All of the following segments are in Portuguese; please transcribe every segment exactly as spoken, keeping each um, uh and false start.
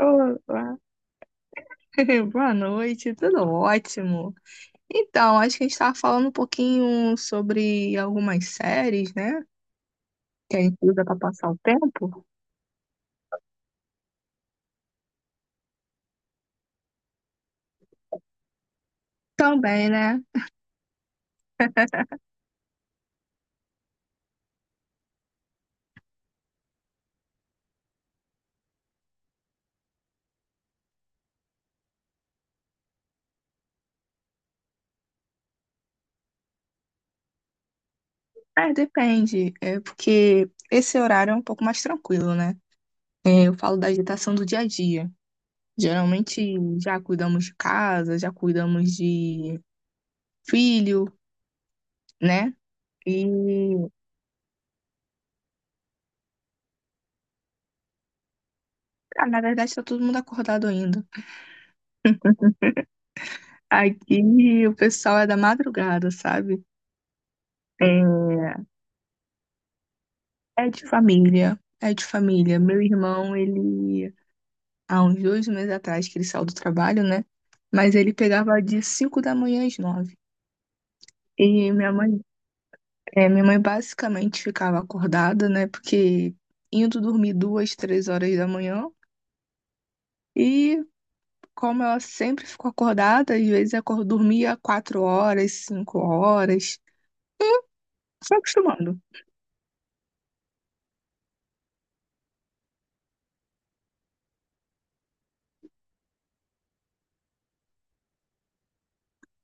Olá, boa noite, tudo ótimo. Então, acho que a gente estava falando um pouquinho sobre algumas séries, né? Que a gente usa para passar o tempo. Também, né? É, depende. É porque esse horário é um pouco mais tranquilo, né? É, eu falo da agitação do dia a dia. Geralmente já cuidamos de casa, já cuidamos de filho, né? E, ah, na verdade, tá todo mundo acordado ainda. Aqui o pessoal é da madrugada, sabe? É, é de família, é de família. Meu irmão, ele, há uns dois meses atrás que ele saiu do trabalho, né? Mas ele pegava de cinco da manhã às nove. E minha mãe, é, minha mãe basicamente ficava acordada, né? Porque indo dormir duas, três horas da manhã. E como ela sempre ficou acordada, às vezes acor- dormia quatro horas, cinco horas. Foi acostumando.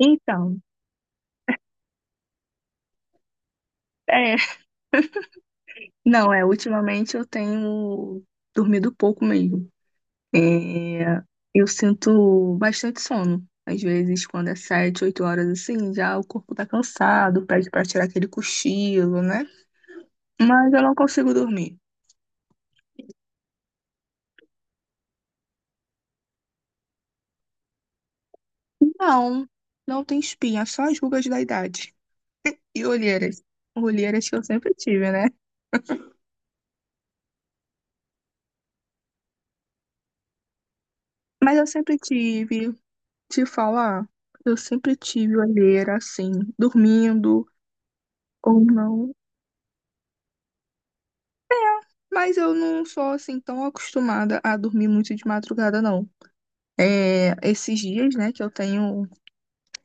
Então, é, não, é, ultimamente eu tenho dormido pouco mesmo. É, eu sinto bastante sono. Às vezes, quando é sete, oito horas assim, já o corpo tá cansado, pede pra tirar aquele cochilo, né? Mas eu não consigo dormir. Não, não tem espinha, só as rugas da idade. E olheiras. Olheiras que eu sempre tive, né? Mas eu sempre tive, te falar, eu sempre tive olheira assim, dormindo ou não. Mas eu não sou assim tão acostumada a dormir muito de madrugada, não. É, esses dias, né, que eu tenho,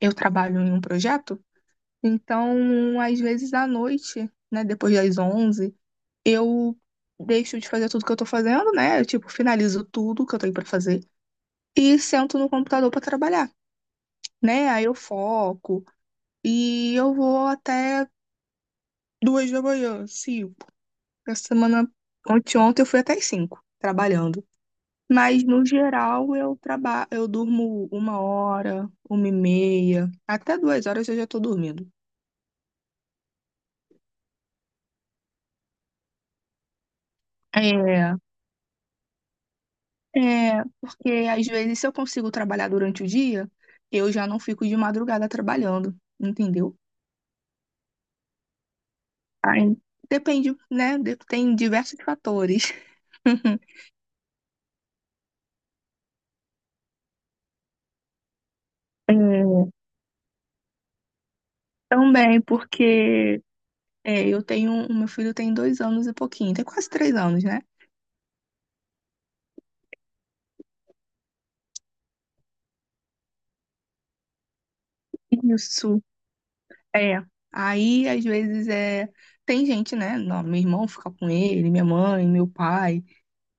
eu trabalho em um projeto, então, às vezes à noite, né, depois das onze, eu deixo de fazer tudo que eu tô fazendo, né, eu, tipo, finalizo tudo que eu tenho pra fazer e sento no computador pra trabalhar, né, aí eu foco e eu vou até duas da manhã, cinco. Essa semana, ontem, ontem eu fui até as cinco trabalhando. Mas no geral eu trabalho, eu durmo uma hora, uma e meia, até duas horas eu já tô dormindo. É, é, porque às vezes se eu consigo trabalhar durante o dia, eu já não fico de madrugada trabalhando, entendeu? Aí, depende, né? de- Tem diversos fatores. É, também porque é, eu tenho, o meu filho tem dois anos e pouquinho, tem quase três anos, né? Isso. É. Aí, às vezes, é. Tem gente, né? Não, meu irmão fica com ele, minha mãe, meu pai.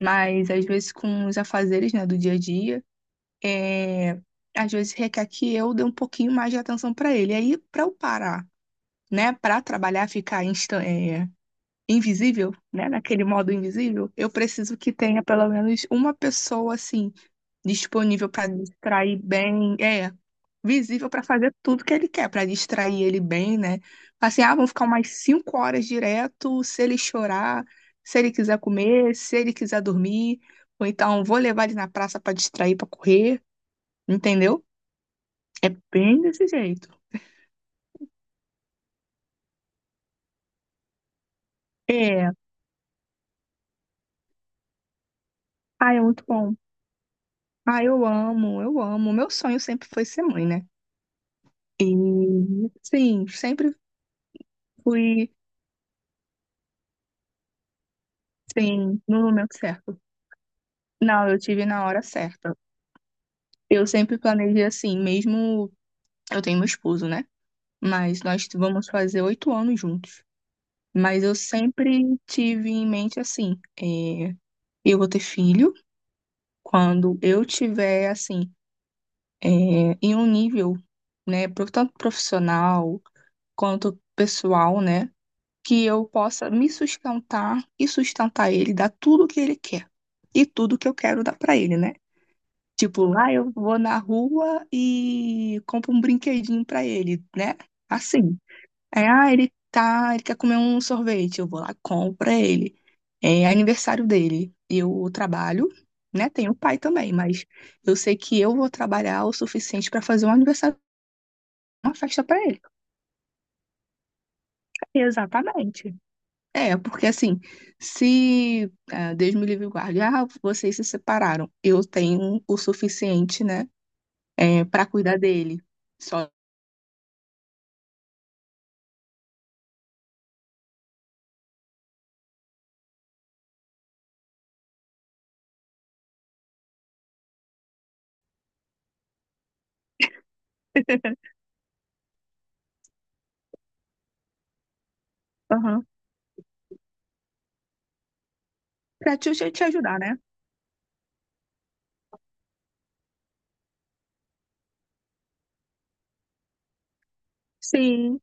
Mas, às vezes, com os afazeres, né, do dia a dia, é... às vezes requer que eu dê um pouquinho mais de atenção pra ele. Aí, pra eu parar, né? Pra trabalhar, ficar insta... é, invisível, né? Naquele modo invisível, eu preciso que tenha pelo menos uma pessoa, assim, disponível para distrair bem, é, visível para fazer tudo que ele quer, para distrair ele bem, né? Assim, ah, vão ficar umas cinco horas direto, se ele chorar, se ele quiser comer, se ele quiser dormir, ou então vou levar ele na praça para distrair, para correr, entendeu? É bem desse jeito. É, ah, é muito bom. Ah, eu amo, eu amo. Meu sonho sempre foi ser mãe, né? E sim, sempre fui, sim, no momento certo. Não, eu tive na hora certa. Eu sempre planejei assim, mesmo eu tenho meu esposo, né? Mas nós vamos fazer oito anos juntos. Mas eu sempre tive em mente assim, é, eu vou ter filho quando eu tiver assim, é, em um nível, né, pro- tanto profissional quanto pessoal, né, que eu possa me sustentar e sustentar ele, dar tudo o que ele quer e tudo que eu quero dar pra ele, né? Tipo, lá eu vou na rua e compro um brinquedinho pra ele, né? Assim. É, ah, ele tá, ele quer comer um sorvete, eu vou lá, compro pra ele. É aniversário dele. Eu trabalho, né? Tenho pai também, mas eu sei que eu vou trabalhar o suficiente pra fazer um aniversário, uma festa pra ele. Exatamente. É, porque assim, se ah, Deus me livre e guarde, ah, vocês se separaram, eu tenho o suficiente, né, é, para cuidar dele. Só. Pra te, te ajudar, né? Sim,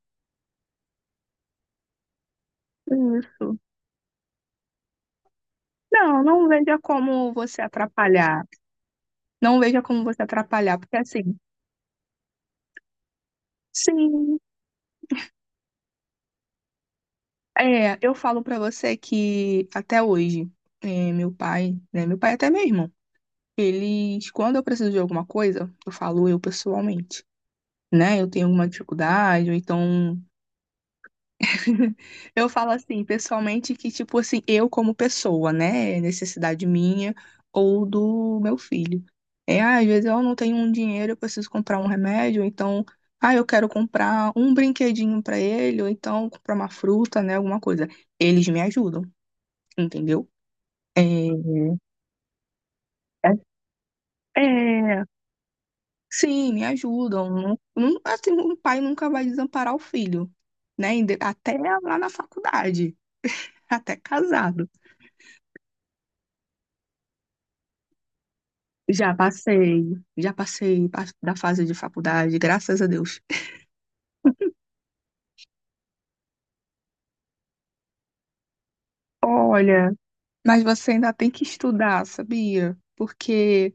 isso. Não, não veja como você atrapalhar. Não veja como você atrapalhar, porque assim, sim, é, eu falo pra você que até hoje, é, meu pai, né, meu pai até mesmo, eles, quando eu preciso de alguma coisa, eu falo eu pessoalmente, né? Eu tenho alguma dificuldade, ou então eu falo assim, pessoalmente, que, tipo assim, eu como pessoa, né? É necessidade minha ou do meu filho. É, ah, às vezes eu não tenho um dinheiro, eu preciso comprar um remédio, ou então, ah, eu quero comprar um brinquedinho pra ele, ou então comprar uma fruta, né? Alguma coisa. Eles me ajudam, entendeu? É, é, é, sim, me ajudam. Não, não- assim, um pai nunca vai desamparar o filho, né? Inde- Até lá na faculdade, até casado. Já passei, já passei pa- da fase de faculdade, graças a Deus. Olha, mas você ainda tem que estudar, sabia? Porque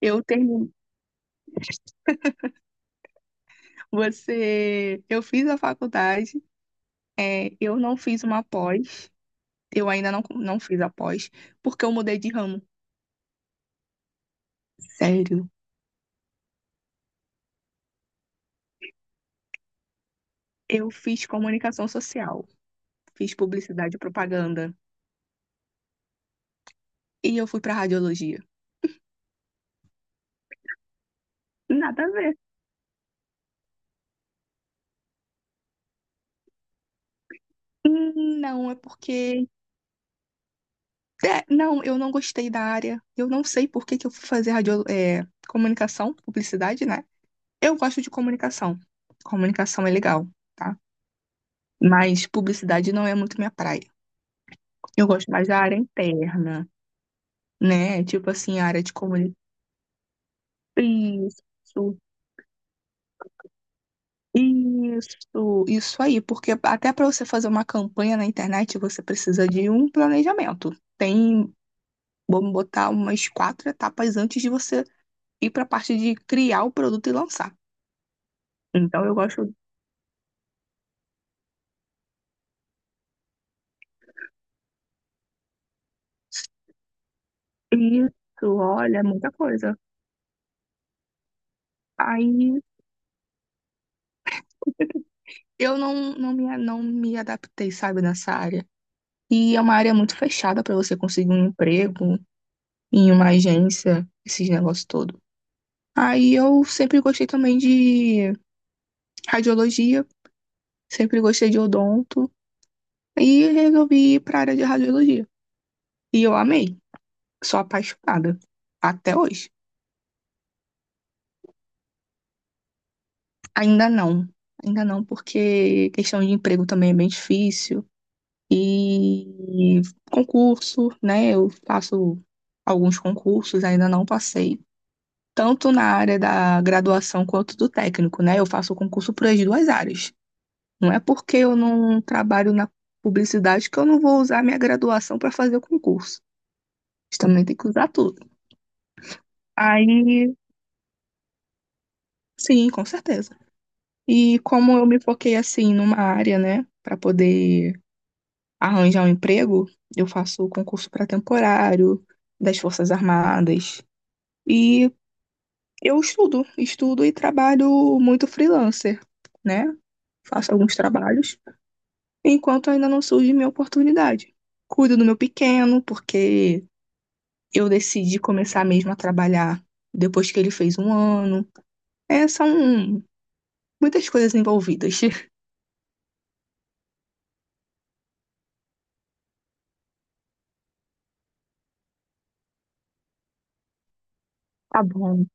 eu terminei. Você, eu fiz a faculdade, é, eu não fiz uma pós, eu ainda não, não fiz a pós, porque eu mudei de ramo. Sério, eu fiz comunicação social, fiz publicidade e propaganda, e eu fui para radiologia. Nada a ver. Hum. Não, é porque, É, não, eu não gostei da área. Eu não sei por que que eu fui fazer radio, é, comunicação, publicidade, né? Eu gosto de comunicação. Comunicação é legal, tá? Mas publicidade não é muito minha praia. Eu gosto mais da área interna, né? Tipo assim, área de comunicação. Isso, isso, isso aí. Porque até para você fazer uma campanha na internet, você precisa de um planejamento. Tem, vamos botar umas quatro etapas antes de você ir para a parte de criar o produto e lançar. Então eu gosto isso, olha, é muita coisa. Aí eu não, não me, não me adaptei, sabe, nessa área. E é uma área muito fechada para você conseguir um emprego em uma agência, esses negócios todo. Aí eu sempre gostei também de radiologia, sempre gostei de odonto e resolvi ir para a área de radiologia. E eu amei, sou apaixonada até hoje. Ainda não, ainda não, porque questão de emprego também é bem difícil. E concurso, né? Eu faço alguns concursos, ainda não passei, tanto na área da graduação quanto do técnico, né? Eu faço concurso para as duas áreas. Não é porque eu não trabalho na publicidade que eu não vou usar minha graduação para fazer o concurso. A também tem que usar tudo. Aí, sim, com certeza. E como eu me foquei assim numa área, né, para poder arranjar um emprego, eu faço concurso para temporário das Forças Armadas. E eu estudo, estudo e trabalho muito freelancer, né? Faço alguns trabalhos, enquanto ainda não surge minha oportunidade. Cuido do meu pequeno, porque eu decidi começar mesmo a trabalhar depois que ele fez um ano. É, são muitas coisas envolvidas. Tá bom.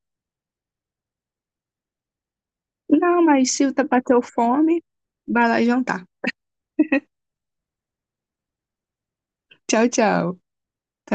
Não, mas se tá- bateu fome, vai lá jantar. Tchau, tchau.